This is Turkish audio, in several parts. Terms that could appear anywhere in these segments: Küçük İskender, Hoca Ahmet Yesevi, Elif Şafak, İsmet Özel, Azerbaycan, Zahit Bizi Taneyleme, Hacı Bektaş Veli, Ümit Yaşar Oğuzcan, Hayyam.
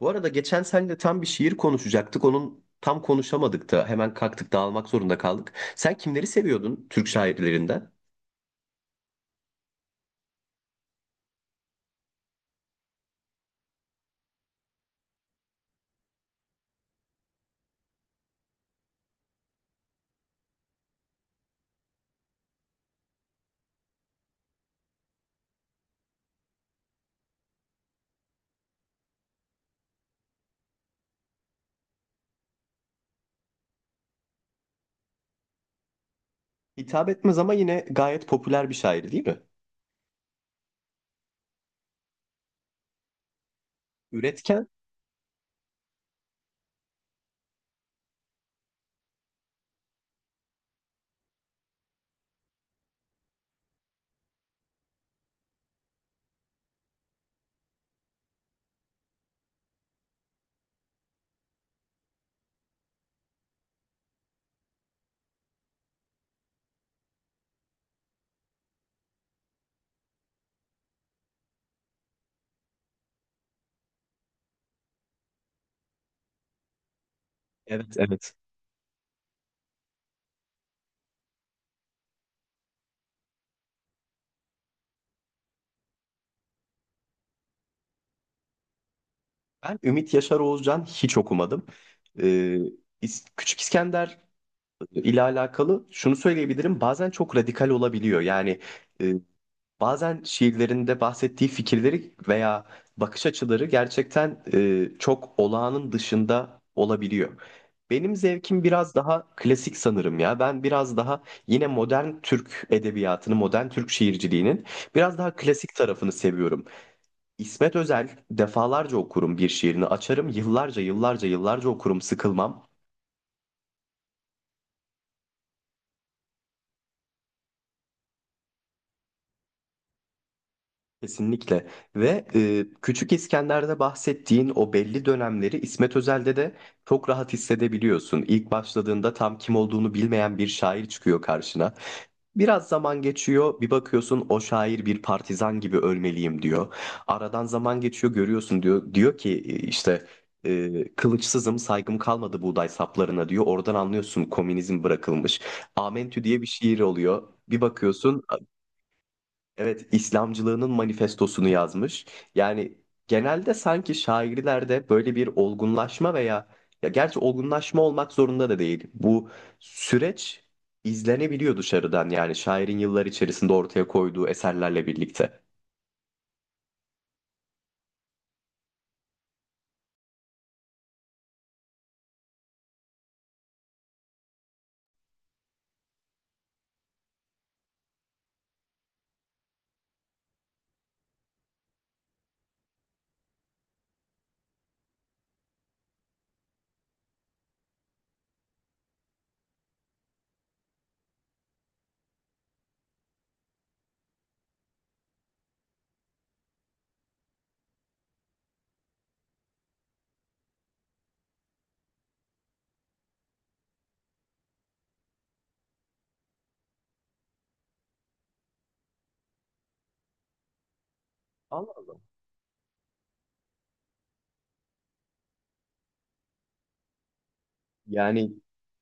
Bu arada geçen seninle tam bir şiir konuşacaktık. Onun tam konuşamadık da hemen kalktık dağılmak zorunda kaldık. Sen kimleri seviyordun Türk şairlerinden? Hitap etmez ama yine gayet popüler bir şair değil mi? Üretken. Evet, evet. Ben Ümit Yaşar Oğuzcan hiç okumadım. Ee, Küçük İskender ile alakalı şunu söyleyebilirim. Bazen çok radikal olabiliyor. Yani e, bazen şiirlerinde bahsettiği fikirleri veya bakış açıları gerçekten çok olağanın dışında olabiliyor. Benim zevkim biraz daha klasik sanırım ya. Ben biraz daha yine modern Türk edebiyatını, modern Türk şiirciliğinin biraz daha klasik tarafını seviyorum. İsmet Özel defalarca okurum, bir şiirini açarım, yıllarca yıllarca yıllarca okurum, sıkılmam. Kesinlikle. Ve Küçük İskender'de bahsettiğin o belli dönemleri İsmet Özel'de de çok rahat hissedebiliyorsun. İlk başladığında tam kim olduğunu bilmeyen bir şair çıkıyor karşına. Biraz zaman geçiyor, bir bakıyorsun o şair bir partizan gibi ölmeliyim diyor. Aradan zaman geçiyor, görüyorsun diyor. Diyor ki işte kılıçsızım, saygım kalmadı buğday saplarına diyor. Oradan anlıyorsun komünizm bırakılmış. Amentü diye bir şiir oluyor. Bir bakıyorsun. Evet, İslamcılığının manifestosunu yazmış. Yani genelde sanki şairlerde böyle bir olgunlaşma veya, ya gerçi olgunlaşma olmak zorunda da değil. Bu süreç izlenebiliyor dışarıdan, yani şairin yıllar içerisinde ortaya koyduğu eserlerle birlikte. Allah Allah. Yani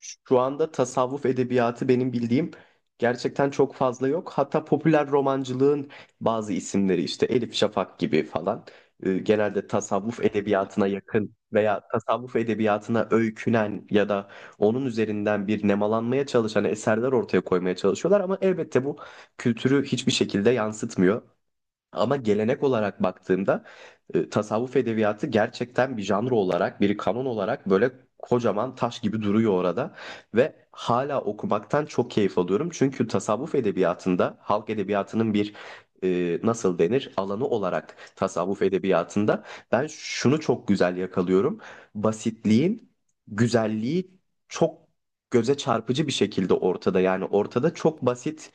şu anda tasavvuf edebiyatı benim bildiğim gerçekten çok fazla yok. Hatta popüler romancılığın bazı isimleri, işte Elif Şafak gibi falan, genelde tasavvuf edebiyatına yakın veya tasavvuf edebiyatına öykünen ya da onun üzerinden bir nemalanmaya çalışan eserler ortaya koymaya çalışıyorlar, ama elbette bu kültürü hiçbir şekilde yansıtmıyor. Ama gelenek olarak baktığımda tasavvuf edebiyatı gerçekten bir janr olarak, bir kanon olarak böyle kocaman taş gibi duruyor orada ve hala okumaktan çok keyif alıyorum. Çünkü tasavvuf edebiyatında, halk edebiyatının bir nasıl denir alanı olarak tasavvuf edebiyatında ben şunu çok güzel yakalıyorum. Basitliğin güzelliği çok göze çarpıcı bir şekilde ortada. Yani ortada çok basit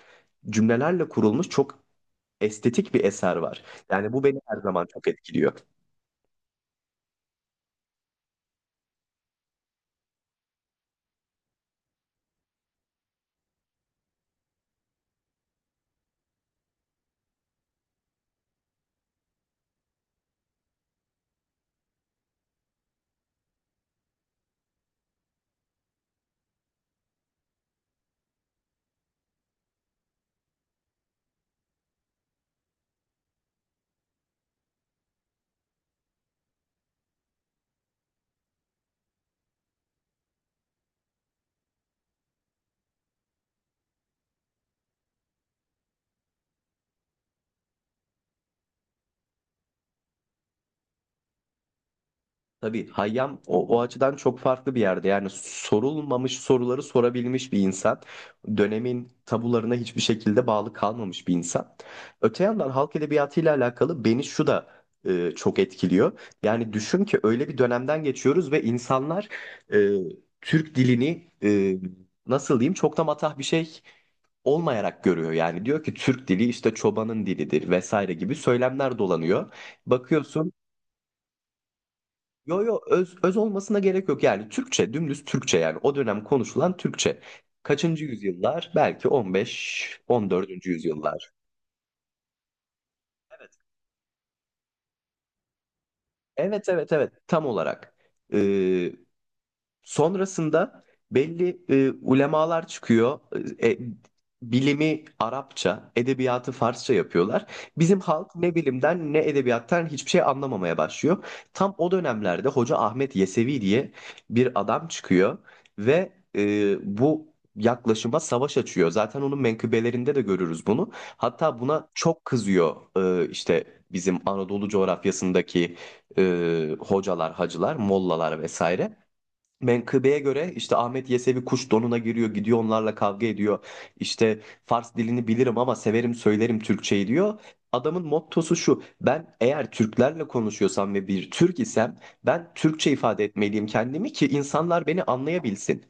cümlelerle kurulmuş çok estetik bir eser var. Yani bu beni her zaman çok etkiliyor. Tabii Hayyam, o, o açıdan çok farklı bir yerde. Yani sorulmamış soruları sorabilmiş bir insan. Dönemin tabularına hiçbir şekilde bağlı kalmamış bir insan. Öte yandan halk edebiyatıyla alakalı beni şu da çok etkiliyor. Yani düşün ki öyle bir dönemden geçiyoruz ve insanlar e, Türk dilini nasıl diyeyim, çok da matah bir şey olmayarak görüyor. Yani diyor ki Türk dili işte çobanın dilidir vesaire gibi söylemler dolanıyor. Bakıyorsun. Yo yo, öz, öz olmasına gerek yok, yani Türkçe, dümdüz Türkçe, yani o dönem konuşulan Türkçe. Kaçıncı yüzyıllar? Belki 15., on 14. yüzyıllar. Evet, evet, evet, tam olarak. Ee, Sonrasında belli ulemalar çıkıyor. E, e, Bilimi Arapça, edebiyatı Farsça yapıyorlar. Bizim halk ne bilimden ne edebiyattan hiçbir şey anlamamaya başlıyor. Tam o dönemlerde Hoca Ahmet Yesevi diye bir adam çıkıyor ve bu yaklaşıma savaş açıyor. Zaten onun menkıbelerinde de görürüz bunu. Hatta buna çok kızıyor işte bizim Anadolu coğrafyasındaki hocalar, hacılar, mollalar vesaire. Menkıbeye göre işte Ahmet Yesevi kuş donuna giriyor, gidiyor, onlarla kavga ediyor. İşte Fars dilini bilirim ama severim, söylerim Türkçeyi diyor. Adamın mottosu şu: Ben eğer Türklerle konuşuyorsam ve bir Türk isem, ben Türkçe ifade etmeliyim kendimi ki insanlar beni anlayabilsin.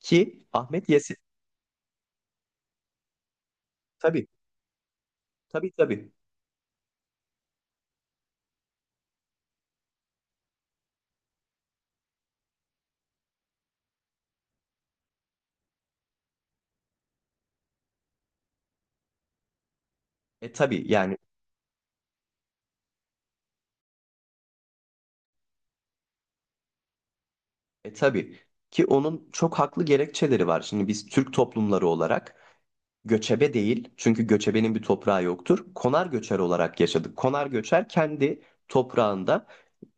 Ki Ahmet Yesevi. Tabii, tabii, tabii. E tabii yani, tabii ki onun çok haklı gerekçeleri var. Şimdi biz Türk toplumları olarak göçebe değil, çünkü göçebenin bir toprağı yoktur, konar göçer olarak yaşadık. Konar göçer kendi toprağında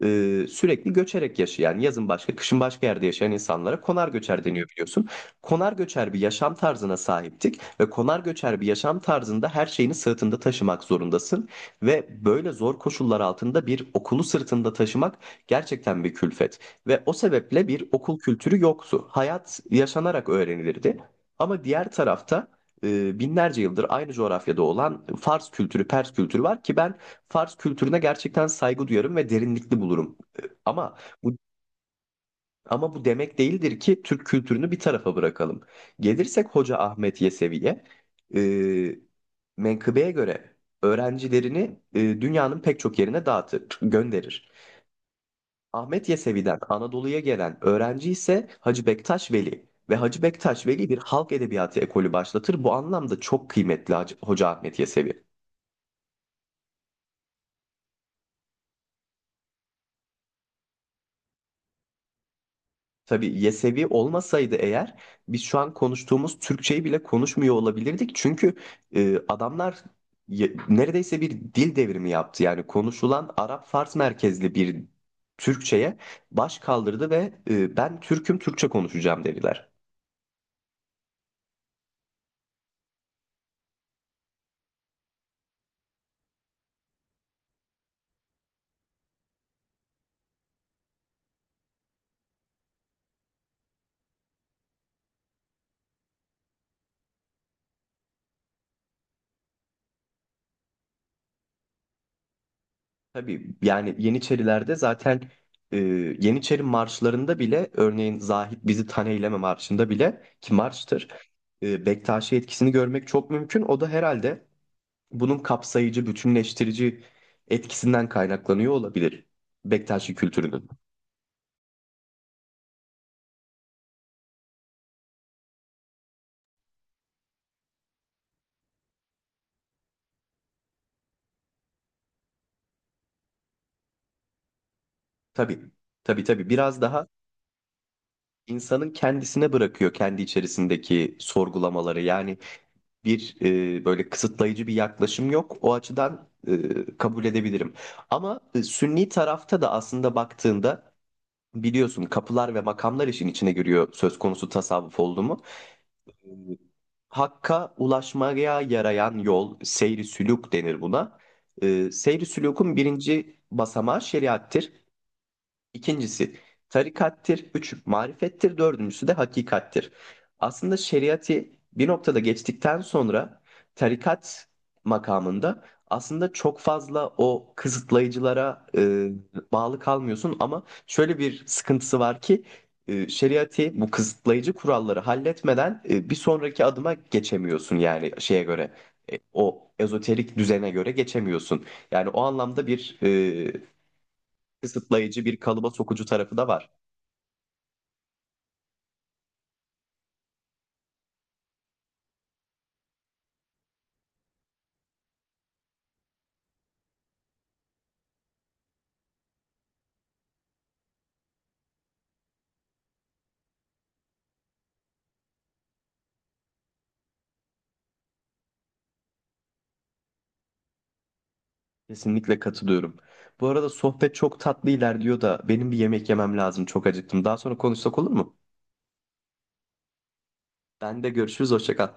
sürekli göçerek yaşayan, yazın başka, kışın başka yerde yaşayan insanlara konar göçer deniyor, biliyorsun. Konar göçer bir yaşam tarzına sahiptik ve konar göçer bir yaşam tarzında her şeyini sırtında taşımak zorundasın ve böyle zor koşullar altında bir okulu sırtında taşımak gerçekten bir külfet ve o sebeple bir okul kültürü yoktu. Hayat yaşanarak öğrenilirdi. Ama diğer tarafta binlerce yıldır aynı coğrafyada olan Fars kültürü, Pers kültürü var ki ben Fars kültürüne gerçekten saygı duyarım ve derinlikli bulurum. Ama bu bu demek değildir ki Türk kültürünü bir tarafa bırakalım. Gelirsek Hoca Ahmet Yesevi'ye, e, menkıbeye göre öğrencilerini dünyanın pek çok yerine dağıtır, gönderir. Ahmet Yesevi'den Anadolu'ya gelen öğrenci ise Hacı Bektaş Veli ve Hacı Bektaş Veli bir halk edebiyatı ekolü başlatır. Bu anlamda çok kıymetli Hoca Ahmet Yesevi. Tabii Yesevi olmasaydı eğer biz şu an konuştuğumuz Türkçeyi bile konuşmuyor olabilirdik. Çünkü adamlar neredeyse bir dil devrimi yaptı. Yani konuşulan Arap-Fars merkezli bir Türkçeye baş kaldırdı ve ben Türk'üm, Türkçe konuşacağım dediler. Tabii yani Yeniçerilerde zaten e, Yeniçeri marşlarında bile, örneğin Zahit Bizi Taneyleme marşında bile, ki marştır, Bektaşi etkisini görmek çok mümkün. O da herhalde bunun kapsayıcı, bütünleştirici etkisinden kaynaklanıyor olabilir Bektaşi kültürünün. Tabii, tabii, tabii, biraz daha insanın kendisine bırakıyor kendi içerisindeki sorgulamaları. Yani bir böyle kısıtlayıcı bir yaklaşım yok. O açıdan kabul edebilirim. Ama Sünni tarafta da aslında baktığında biliyorsun kapılar ve makamlar işin içine giriyor söz konusu tasavvuf oldu mu? Hakka ulaşmaya yarayan yol, seyri sülûk denir buna. Seyri sülûkun birinci basamağı şeriattır. İkincisi tarikattir, üç marifettir, dördüncüsü de hakikattir. Aslında şeriatı bir noktada geçtikten sonra tarikat makamında aslında çok fazla o kısıtlayıcılara bağlı kalmıyorsun, ama şöyle bir sıkıntısı var ki şeriatı, bu kısıtlayıcı kuralları halletmeden bir sonraki adıma geçemiyorsun, yani şeye göre, o ezoterik düzene göre geçemiyorsun. Yani o anlamda bir kısıtlayıcı, bir kalıba sokucu tarafı da var. Kesinlikle katılıyorum. Bu arada sohbet çok tatlı ilerliyor da benim bir yemek yemem lazım. Çok acıktım. Daha sonra konuşsak olur mu? Ben de görüşürüz. Hoşça kal.